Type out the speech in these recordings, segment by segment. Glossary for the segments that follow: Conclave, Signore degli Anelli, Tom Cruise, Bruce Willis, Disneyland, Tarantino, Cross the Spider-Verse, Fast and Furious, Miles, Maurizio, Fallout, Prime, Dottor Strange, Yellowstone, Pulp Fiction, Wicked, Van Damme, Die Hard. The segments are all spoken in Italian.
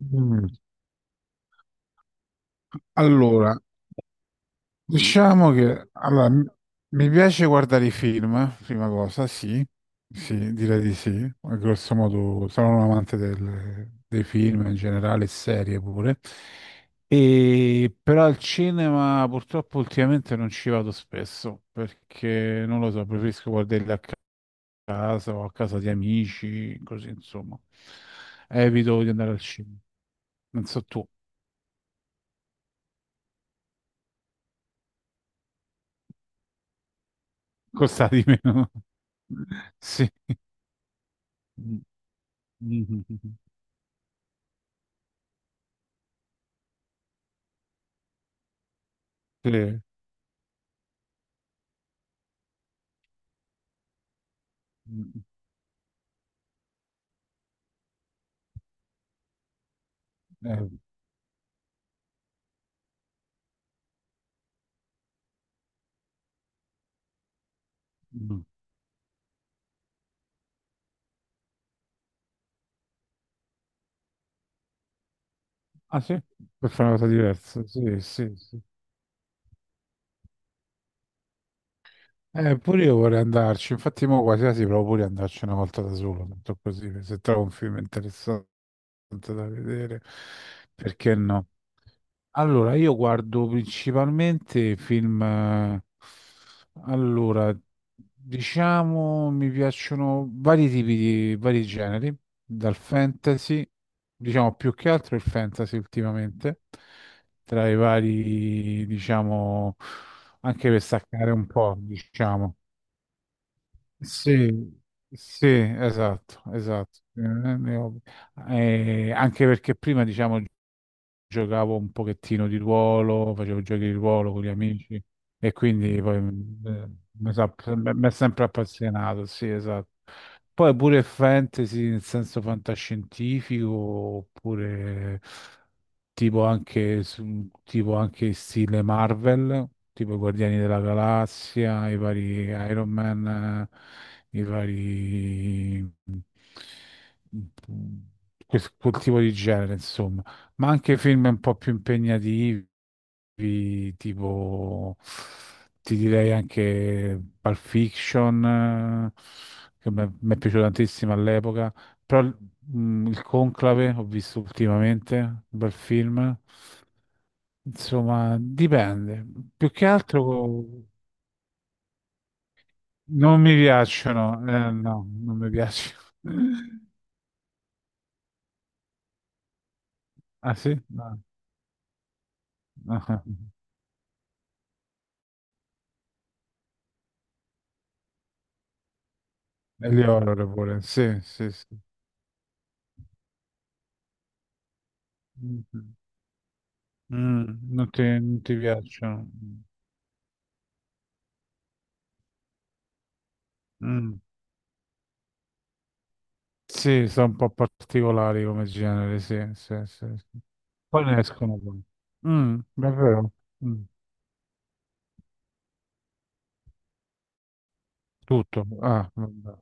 Mm. Allora, diciamo che allora, mi piace guardare i film, prima cosa, sì, sì, direi di sì, a grosso modo sono un amante dei film in generale, serie pure, però al cinema purtroppo ultimamente non ci vado spesso perché non lo so, preferisco guardarli a casa o a casa di amici, così insomma, evito di andare al cinema, non so tu. Costa di meno. Sì. Mm, mm, sì. Mm, Eh, mm. Ah sì? Per fare una cosa diversa. Sì, sì, sì. Pure io vorrei andarci. Infatti mo quasi quasi provo pure ad andarci una volta da solo, tanto così, se trovo un film interessante da vedere, perché no? Allora, io guardo principalmente film, allora, diciamo, mi piacciono vari generi, dal fantasy, diciamo più che altro il fantasy ultimamente, tra i vari, diciamo, anche per staccare un po', diciamo. Sì, sì, esatto, esatto. Anche perché prima, diciamo, giocavo un pochettino di ruolo, facevo giochi di ruolo con gli amici e quindi poi mi è sempre appassionato, sì, esatto. Poi pure fantasy nel senso fantascientifico oppure tipo anche stile Marvel, tipo i Guardiani della Galassia, i vari Iron Man, eh, i vari... quel tipo di genere, insomma, ma anche film un po' più impegnativi, tipo ti direi anche Pulp Fiction, eh, che mi è piaciuto tantissimo all'epoca, però il Conclave ho visto ultimamente, un bel film. Insomma, dipende. Più che altro non mi piacciono. Eh, no, non mi piacciono. Ah sì? No. No. E gli horror pure. Sì, sì, sì. Mm-hmm. Mm, non ti piacciono? Mm. Sì, sono un po' particolari come genere, sì, sì, sì, sì. Poi ne escono poi. Davvero? Mm, tutto. Ah, vabbè.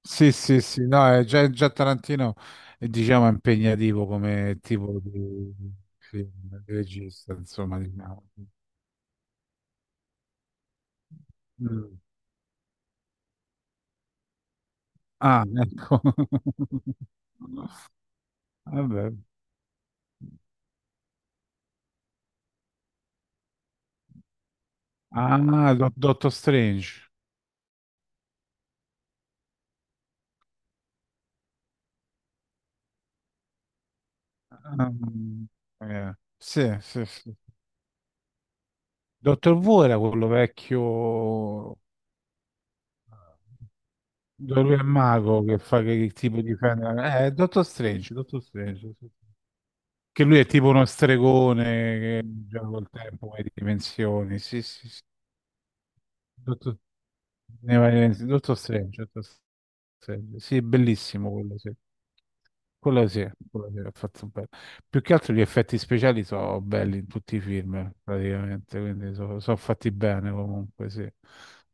Sì, sì, sì, no, è già Tarantino è, diciamo, impegnativo come tipo di, film, di regista, insomma, diciamo. Mm. Ah, ecco. Vabbè. Ah, Dottor Strange. Ah, sì, sì, sì. Dottor Wu era quello vecchio dove lui è mago che fa che tipo di Dottor Strange, Dottor Strange. Sì, sì. Che lui è tipo uno stregone che gioca col tempo, con le dimensioni. Sì, sì, sì. Dottor- Dottor Strange, Dottor Strange. Sì, è bellissimo quello, sì. Quello sì, quello sì, è fatto bene. Più che altro gli effetti speciali sono belli in tutti i film, praticamente, quindi sono fatti bene comunque, sì.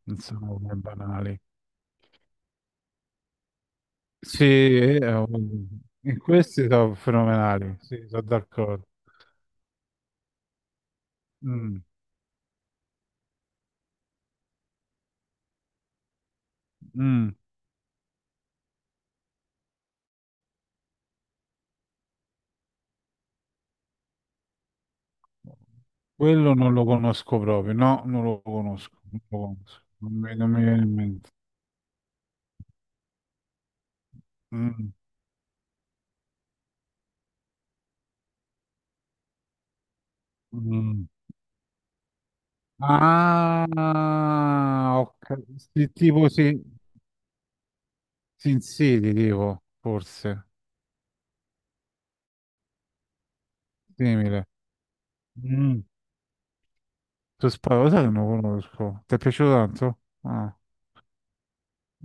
Non sono come banali. Sì, in questi sono fenomenali, sì, sono d'accordo. Mm, mm. Quello non lo conosco proprio, no, non lo conosco, non lo conosco. Non mi viene in mente. Mm, mm. Ah, ok. Sì, tipo si, si insidi, tipo, forse, simile. Mm. Tu sparo, lo sai che non lo conosco? Ti è piaciuto tanto? Ah,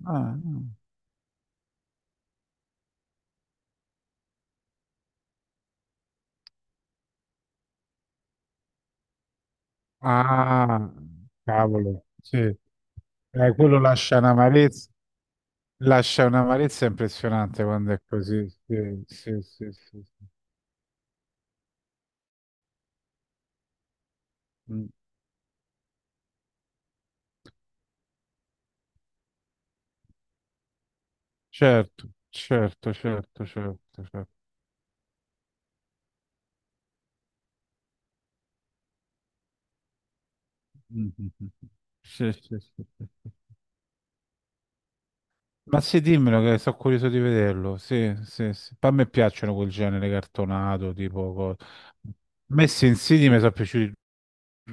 ah, mm. Ah, cavolo, sì. Quello lascia un'amarezza impressionante quando è così. Sì, sì, sì, sì. Sì. Mm. Certo, certo, certo, certo, certo. Mm, mm, mm. Sì, sì, sì. Ma sì, dimmelo che sono curioso di vederlo. Sì, sì, sì. Poi a me piacciono quel genere cartonato, tipo a me Sin mi sono piaciuti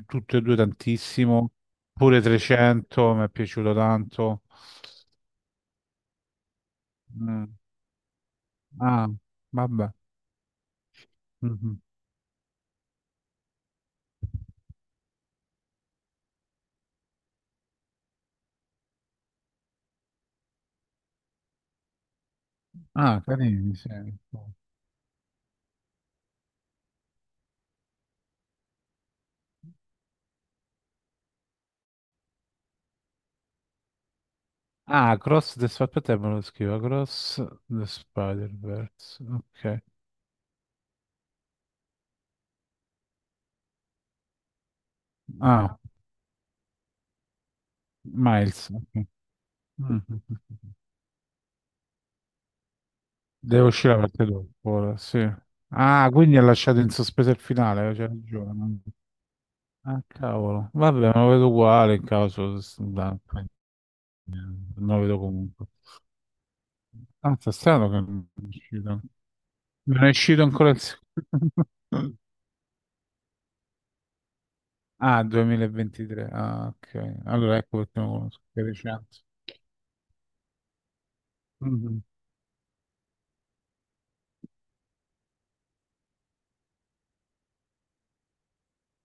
tutti e due tantissimo. Pure 300 mi è piaciuto tanto. Mm. Ah, vabbè. Mhm. Ah, carini, sì. Ah, Cross the Spider-Verse, me lo scrivo. Cross the Spider-Verse. Ok. Ah, Miles. Ok. Mhm. Deve uscire la parte dopo, ora, sì. Ah, quindi ha lasciato in sospeso il finale, c'è ragione. Ah, cavolo. Vabbè, non lo vedo uguale in caso, non lo vedo comunque. Ah, sta strano che non è uscito. Non è uscito ancora il secondo. Ah, 2023. Ah, ok. Allora ecco perché non conosco, che è recente. Mhm,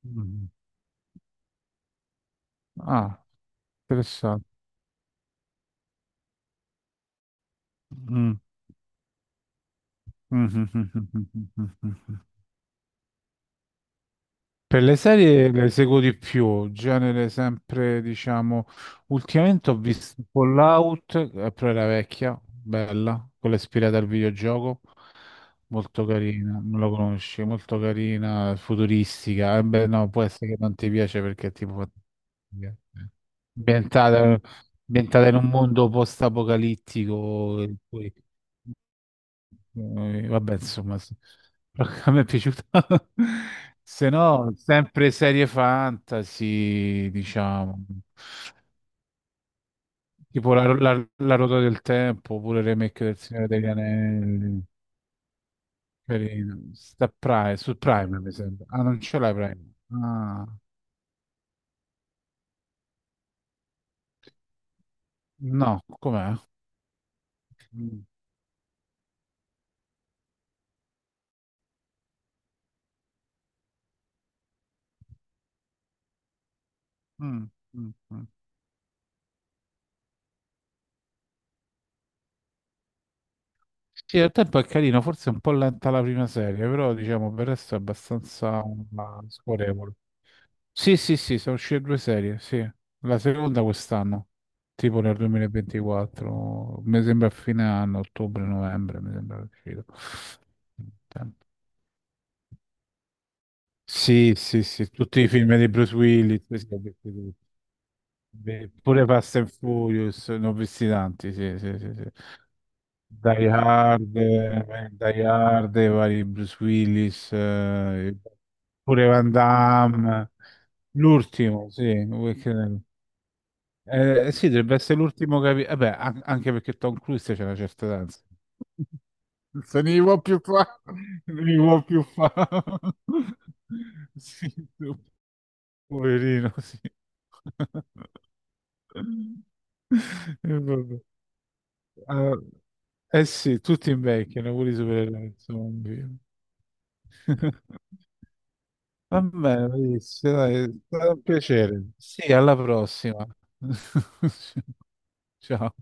mhm. Ah, interessante. Mm. Per le serie le seguo di più, genere sempre, diciamo, ultimamente ho visto Fallout, però era vecchia, bella, quella ispirata al videogioco, molto carina, non la conosci, molto carina, futuristica, eh beh no, può essere che non ti piace perché è tipo fantastica. ambientata, ambientata in un mondo post-apocalittico, e poi vabbè, insomma, a me è piaciuta. Se no, sempre serie fantasy, diciamo, tipo la ruota del tempo, oppure il remake del Signore degli Anelli. Carino. Sta Prime, su Prime mi sembra. Ah, non ce l'hai Prime. Ah, no, com'è? Mm, mm, mm, mm. Sì, al tempo è carino, forse è un po' lenta la prima serie, però diciamo per il resto è abbastanza scorrevole. Sì, sì, sì, sono uscite due serie, sì. La seconda quest'anno, tipo nel 2024, mi sembra a fine anno, ottobre-novembre, mi sembra che è uscito. Sì, sì, sì, tutti i film di Bruce Willis, sì, ho visto tutti. Beh, pure Fast and Furious, ne ho visti tanti, sì, sì, sì, sì. Die Hard, Die Hard, i vari Bruce Willis, pure Van Damme, l'ultimo, sì, Wicked. Sì, dovrebbe essere l'ultimo capitolo. Vabbè, anche perché Tom Cruise c'è una certa danza. Se ne può più fare, non ne può più fare. Sì, poverino, sì. E vabbè. Ah, eh sì, tutti invecchiano, pure i supereroi, insomma. Va bene, Maurizio, dai, è stato un piacere. Sì, alla prossima. Ciao.